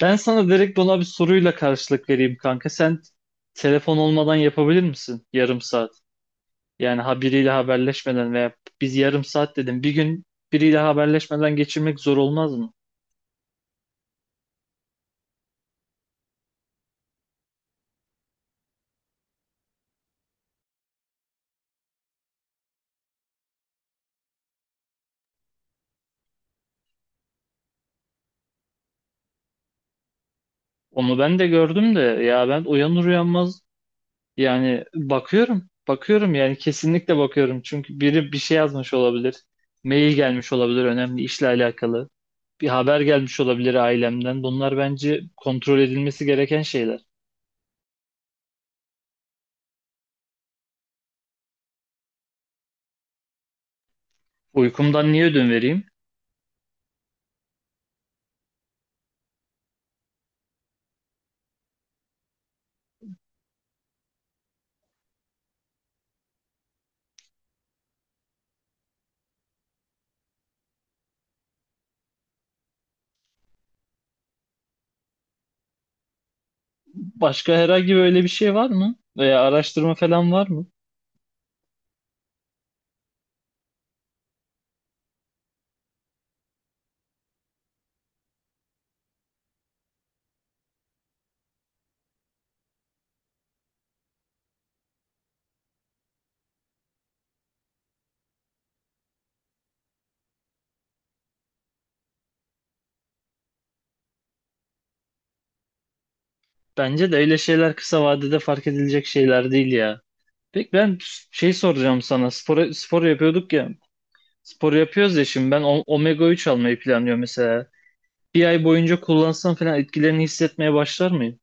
Ben sana direkt ona bir soruyla karşılık vereyim kanka. Sen telefon olmadan yapabilir misin yarım saat? Yani ha biriyle haberleşmeden veya biz yarım saat dedim. Bir gün biriyle haberleşmeden geçirmek zor olmaz mı? Onu ben de gördüm de ya ben uyanır uyanmaz yani bakıyorum. Bakıyorum yani kesinlikle bakıyorum. Çünkü biri bir şey yazmış olabilir. Mail gelmiş olabilir önemli işle alakalı. Bir haber gelmiş olabilir ailemden. Bunlar bence kontrol edilmesi gereken şeyler. Uykumdan niye ödün vereyim? Başka herhangi böyle bir şey var mı? Veya araştırma falan var mı? Bence de öyle şeyler kısa vadede fark edilecek şeyler değil ya. Peki ben şey soracağım sana. Spor yapıyorduk ya. Spor yapıyoruz ya şimdi ben omega 3 almayı planlıyorum mesela. Bir ay boyunca kullansam falan etkilerini hissetmeye başlar mıyım?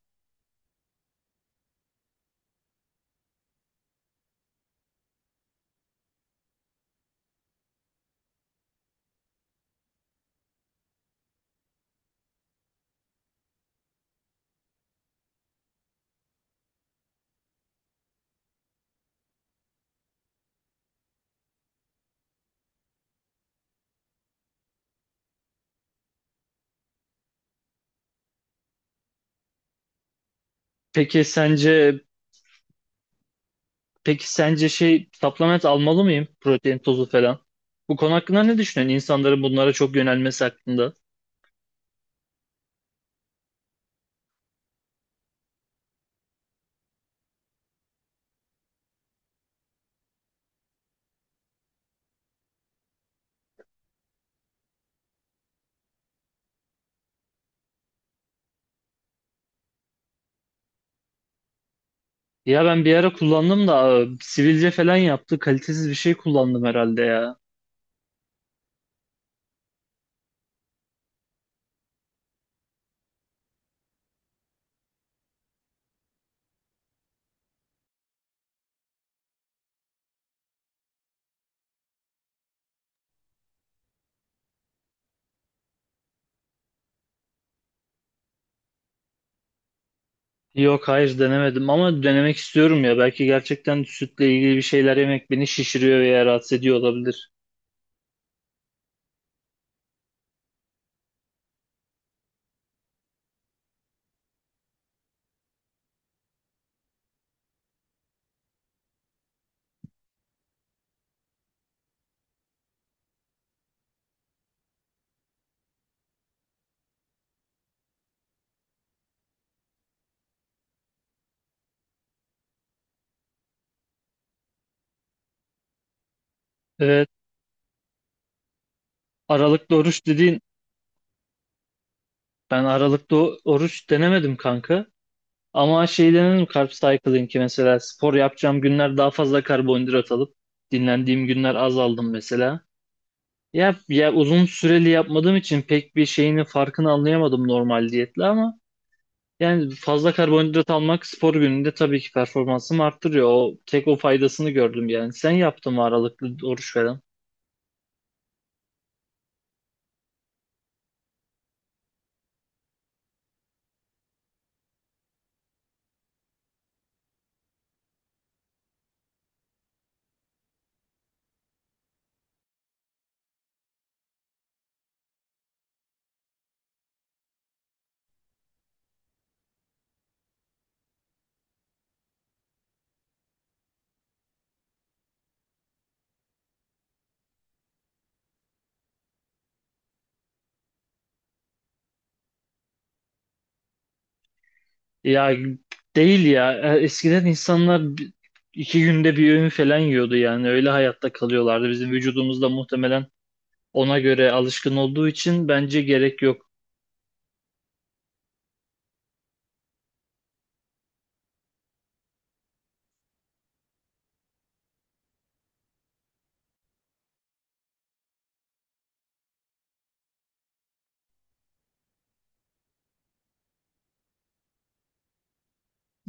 Peki sence peki sence şey supplement almalı mıyım? Protein tozu falan. Bu konu hakkında ne düşünüyorsun? İnsanların bunlara çok yönelmesi hakkında. Ya ben bir ara kullandım da sivilce falan yaptı. Kalitesiz bir şey kullandım herhalde ya. Yok hayır denemedim ama denemek istiyorum ya. Belki gerçekten sütle ilgili bir şeyler yemek beni şişiriyor veya rahatsız ediyor olabilir. Evet, aralıklı oruç dediğin ben aralıklı oruç denemedim kanka. Ama şey denedim carb cycling'i, mesela spor yapacağım günler daha fazla karbonhidrat alıp dinlendiğim günler az aldım mesela. Ya uzun süreli yapmadığım için pek bir şeyini farkını anlayamadım normal diyetle ama yani fazla karbonhidrat almak spor gününde tabii ki performansımı arttırıyor. O tek o faydasını gördüm yani. Sen yaptın mı aralıklı oruç falan? Ya değil ya. Eskiden insanlar iki günde bir öğün falan yiyordu yani. Öyle hayatta kalıyorlardı. Bizim vücudumuz da muhtemelen ona göre alışkın olduğu için bence gerek yok.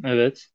Evet.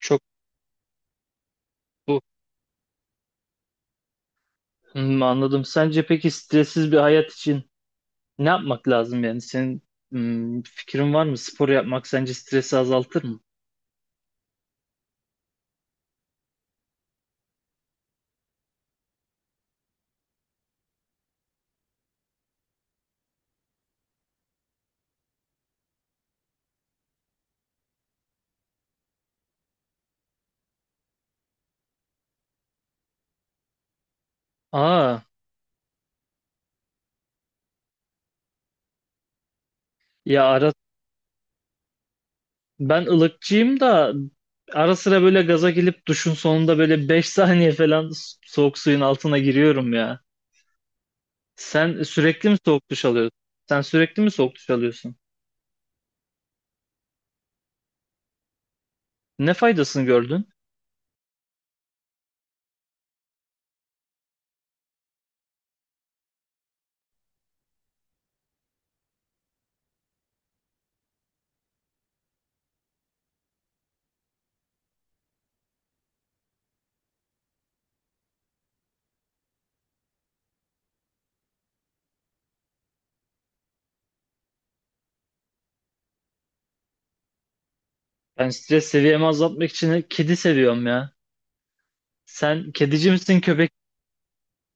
Çok bu. Hmm, anladım. Sence peki stressiz bir hayat için ne yapmak lazım yani? Senin fikrin var mı? Spor yapmak sence stresi azaltır mı? Aa. Ya ben ılıkçıyım da ara sıra böyle gaza gelip duşun sonunda böyle 5 saniye falan soğuk suyun altına giriyorum ya. Sen sürekli mi soğuk duş alıyorsun? Sen sürekli mi soğuk duş alıyorsun? Ne faydasını gördün? Ben stres seviyemi azaltmak için kedi seviyorum ya. Sen kedici misin köpek?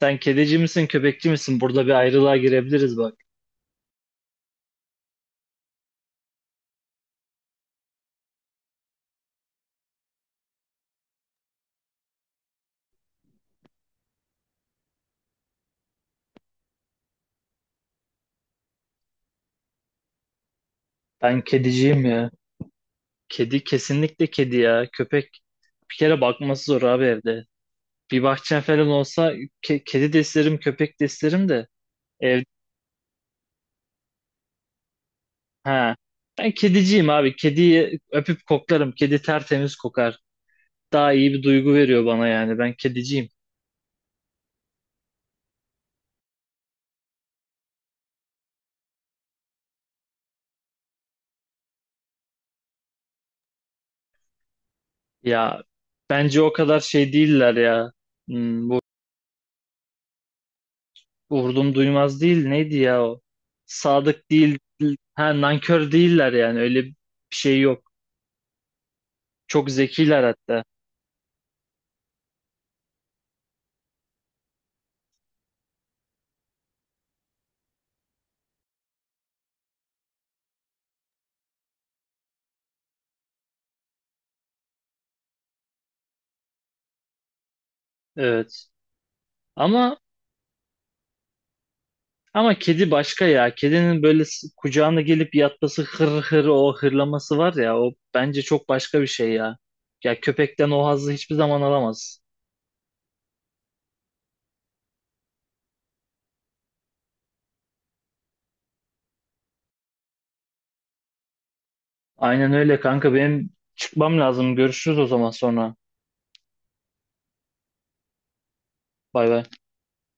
Sen kedici misin köpekçi misin? Burada bir ayrılığa girebiliriz bak. Ben kediciyim ya. Kedi kesinlikle kedi ya. Köpek bir kere bakması zor abi evde. Bir bahçem falan olsa kedi de isterim, köpek de isterim de ev ha. Ben kediciyim abi. Kediyi öpüp koklarım. Kedi tertemiz kokar. Daha iyi bir duygu veriyor bana yani. Ben kediciyim. Ya bence o kadar şey değiller ya. Hmm, bu vurdum duymaz değil. Neydi ya o? Sadık değil. Ha, nankör değiller yani. Öyle bir şey yok. Çok zekiler hatta. Evet. Ama Ama kedi başka ya. Kedinin böyle kucağına gelip yatması, hır hır, o hırlaması var ya, o bence çok başka bir şey ya. Ya köpekten o hazzı hiçbir zaman alamaz. Aynen öyle kanka, benim çıkmam lazım. Görüşürüz o zaman sonra. Bay bay.